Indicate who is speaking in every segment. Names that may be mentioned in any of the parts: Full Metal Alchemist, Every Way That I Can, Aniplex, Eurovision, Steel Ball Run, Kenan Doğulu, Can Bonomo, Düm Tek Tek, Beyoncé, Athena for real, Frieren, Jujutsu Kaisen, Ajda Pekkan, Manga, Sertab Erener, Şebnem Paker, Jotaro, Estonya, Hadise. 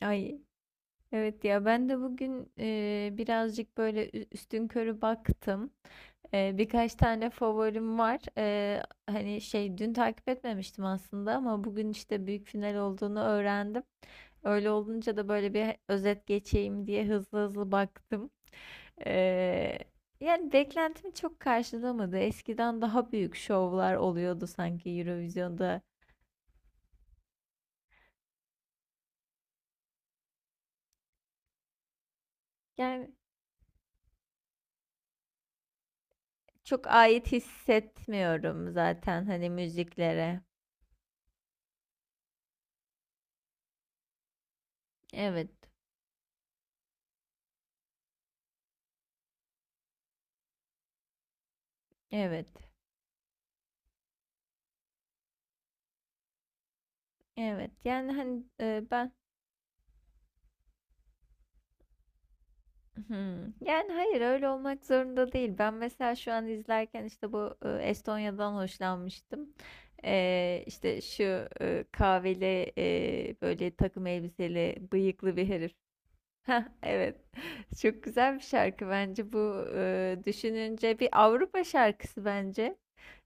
Speaker 1: Ay, evet ya ben de bugün birazcık böyle üstünkörü baktım. Birkaç tane favorim var. Hani şey dün takip etmemiştim aslında ama bugün işte büyük final olduğunu öğrendim. Öyle olunca da böyle bir özet geçeyim diye hızlı hızlı baktım. E, yani beklentimi çok karşılamadı. Eskiden daha büyük şovlar oluyordu sanki Eurovision'da. Yani çok ait hissetmiyorum zaten hani müziklere. Evet, evet, evet. Yani hani ben. Hmm. Yani hayır, öyle olmak zorunda değil. Ben mesela şu an izlerken işte bu Estonya'dan hoşlanmıştım. E, işte şu kahveli böyle takım elbiseli bıyıklı bir herif. Heh, evet. Çok güzel bir şarkı bence bu. Düşününce bir Avrupa şarkısı bence.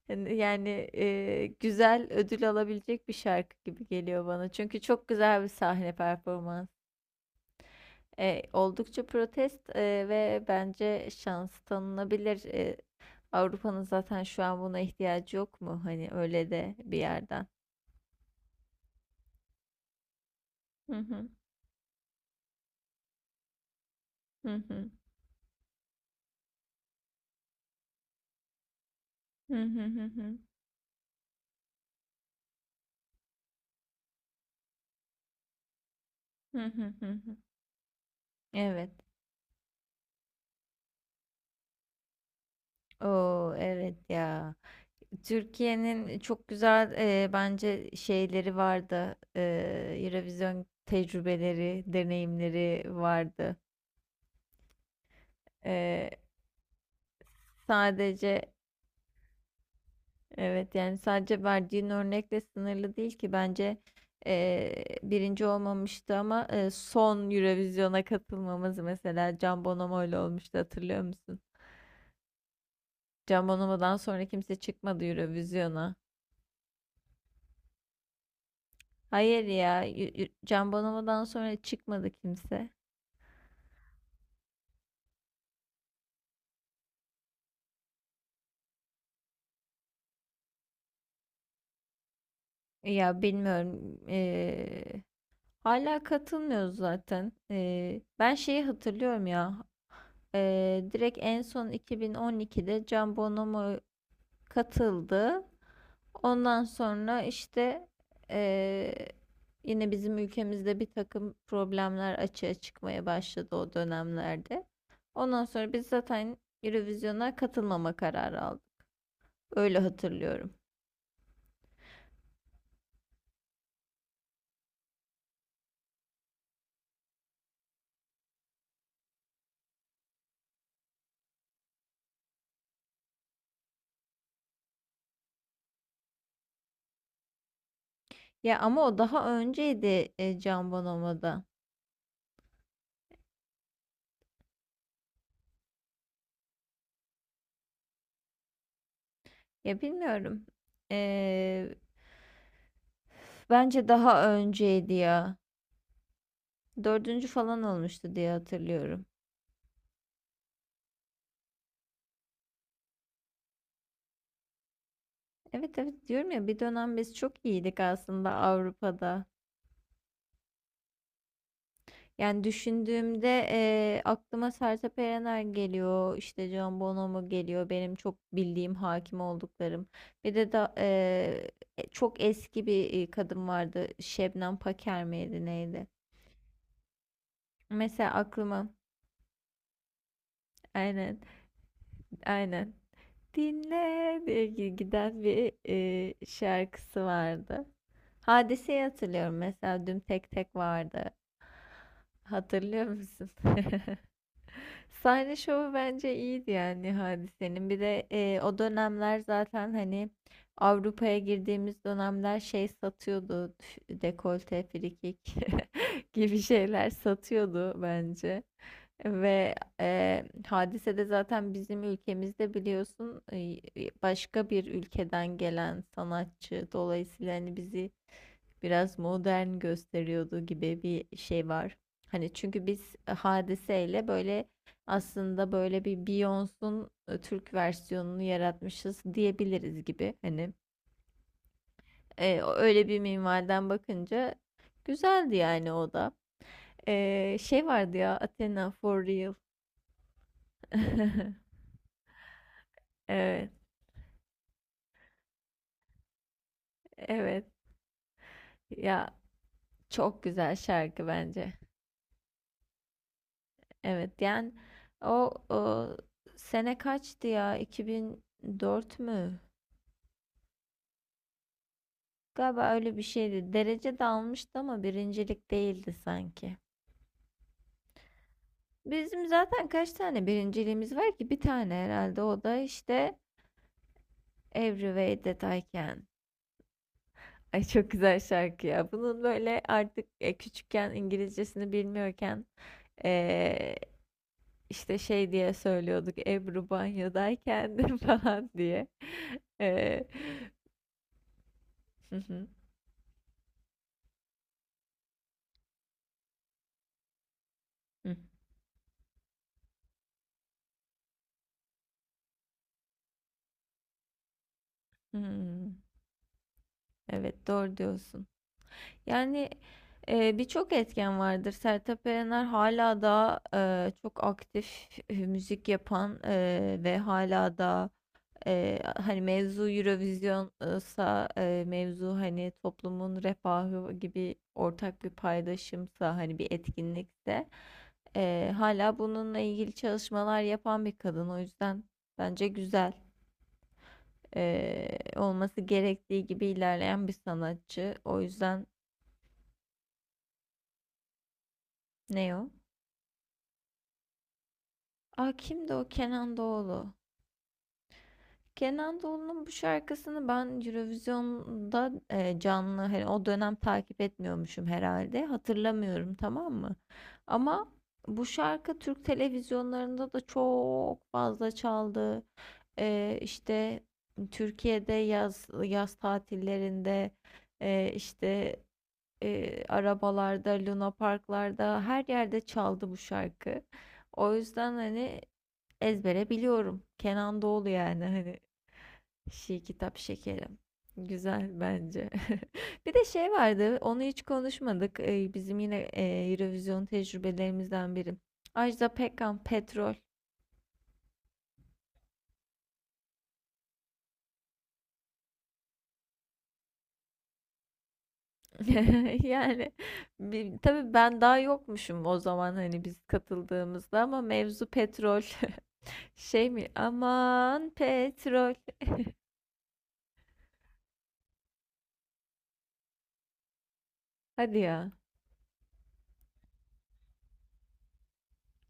Speaker 1: Yani, güzel ödül alabilecek bir şarkı gibi geliyor bana. Çünkü çok güzel bir sahne performans. Oldukça protest ve bence şans tanınabilir. Avrupa'nın zaten şu an buna ihtiyacı yok mu? Hani öyle de bir yerden. Hı hı, hı hı, hı hı, hı hı, hı hı, hı hı. Evet. Oo, evet ya. Türkiye'nin çok güzel bence şeyleri vardı. Eurovision tecrübeleri, deneyimleri vardı. E, sadece evet yani sadece verdiğin örnekle sınırlı değil ki bence birinci olmamıştı ama son Eurovision'a katılmamız mesela Can Bonomo ile olmuştu, hatırlıyor musun? Can Bonomo'dan sonra kimse çıkmadı Eurovision'a. Hayır ya, Can Bonomo'dan sonra çıkmadı kimse. Ya bilmiyorum. Hala katılmıyoruz zaten. Ben şeyi hatırlıyorum ya. Direkt en son 2012'de Can Bonomo katıldı. Ondan sonra işte eee, yine bizim ülkemizde bir takım problemler açığa çıkmaya başladı o dönemlerde. Ondan sonra biz zaten Eurovision'a katılmama kararı aldık. Öyle hatırlıyorum. Ya ama o daha önceydi, Can Bonomo'da. Ya bilmiyorum. Ee, bence daha önceydi ya. Dördüncü falan olmuştu diye hatırlıyorum. Evet, evet, diyorum ya, bir dönem biz çok iyiydik aslında Avrupa'da. Yani düşündüğümde aklıma Sertab Erener geliyor, işte Can Bonomo geliyor, benim çok bildiğim hakim olduklarım. Bir de çok eski bir kadın vardı, Şebnem Paker miydi neydi? Mesela aklıma. Aynen, aynen. Dinle diye giden bir şarkısı vardı. Hadiseyi hatırlıyorum, mesela Düm Tek Tek vardı. Hatırlıyor musun? Sahne şovu bence iyiydi yani Hadise'nin. Bir de o dönemler zaten hani Avrupa'ya girdiğimiz dönemler şey satıyordu. Dekolte, frikik gibi şeyler satıyordu bence. Ve hadisede zaten bizim ülkemizde biliyorsun başka bir ülkeden gelen sanatçı dolayısıyla hani bizi biraz modern gösteriyordu gibi bir şey var. Hani çünkü biz hadiseyle böyle aslında böyle bir Beyoncé'un Türk versiyonunu yaratmışız diyebiliriz gibi. Hani öyle bir minvalden bakınca güzeldi yani o da. Şey vardı ya, Athena for real. Evet, evet. Ya çok güzel şarkı bence. Evet, yani o sene kaçtı ya? 2004 mü? Galiba öyle bir şeydi. Derece de almıştı ama birincilik değildi sanki. Bizim zaten kaç tane birinciliğimiz var ki? Bir tane herhalde. O da işte Every Way That I Can. Ay, çok güzel şarkı ya. Bunun böyle artık küçükken İngilizcesini bilmiyorken İşte şey diye söylüyorduk, Ebru banyodayken de falan diye. Ee, hı hı, hı, hı. Evet, doğru diyorsun. Yani birçok etken vardır. Sertab Erener hala da çok aktif müzik yapan ve hala da hani mevzu Eurovision'sa mevzu hani toplumun refahı gibi ortak bir paydaşımsa hani bir etkinlikse hala bununla ilgili çalışmalar yapan bir kadın. O yüzden bence güzel, olması gerektiği gibi ilerleyen bir sanatçı. O yüzden, ne o? Aa, kimdi o? Kenan Doğulu. Kenan Doğulu'nun bu şarkısını ben Eurovision'da canlı, hani o dönem takip etmiyormuşum herhalde. Hatırlamıyorum, tamam mı? Ama bu şarkı Türk televizyonlarında da çok fazla çaldı. E, işte Türkiye'de yaz yaz tatillerinde işte arabalarda, Luna Parklarda her yerde çaldı bu şarkı. O yüzden hani ezbere biliyorum. Kenan Doğulu, yani hani Şi kitap şekerim. Güzel bence. Bir de şey vardı, onu hiç konuşmadık. Bizim yine Eurovision tecrübelerimizden biri. Ajda Pekkan Petrol. Yani bir, tabii ben daha yokmuşum o zaman hani biz katıldığımızda, ama mevzu petrol. Şey mi? Aman petrol. Hadi ya.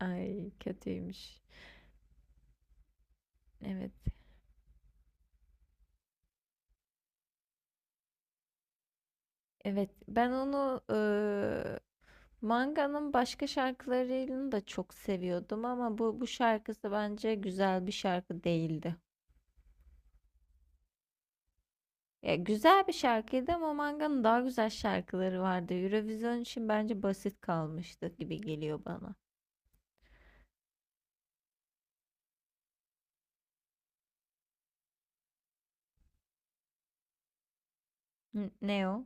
Speaker 1: Ay, kötüymüş. Evet. Evet. Ben onu, Manga'nın başka şarkılarını da çok seviyordum ama bu şarkısı bence güzel bir şarkı değildi. Ya güzel bir şarkıydı ama Manga'nın daha güzel şarkıları vardı. Eurovision için bence basit kalmıştı gibi geliyor bana. Ne o?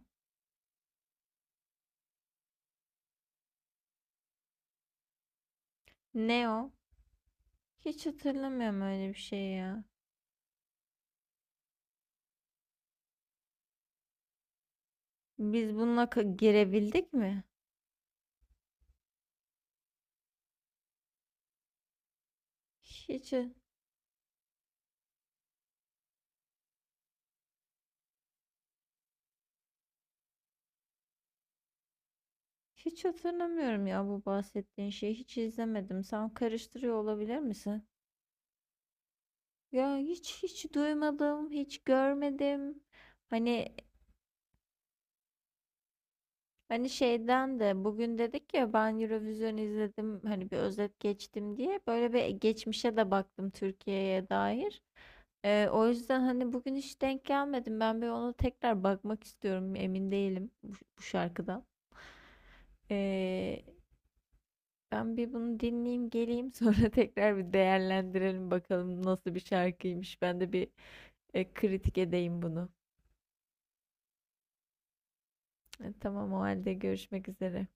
Speaker 1: Ne o? Hiç hatırlamıyorum öyle bir şey ya. Biz bununla girebildik mi? Hiç hiç hatırlamıyorum ya bu bahsettiğin şeyi. Hiç izlemedim. Sen karıştırıyor olabilir misin? Ya hiç duymadım, hiç görmedim. Hani hani şeyden de bugün dedik ya, ben Eurovision izledim, hani bir özet geçtim diye böyle bir geçmişe de baktım Türkiye'ye dair. O yüzden hani bugün hiç denk gelmedim. Ben bir ona tekrar bakmak istiyorum. Emin değilim bu şarkıdan. Ee, ben bir bunu dinleyeyim, geleyim, sonra tekrar bir değerlendirelim bakalım nasıl bir şarkıymış. Ben de bir kritik edeyim bunu. Tamam, o halde görüşmek üzere.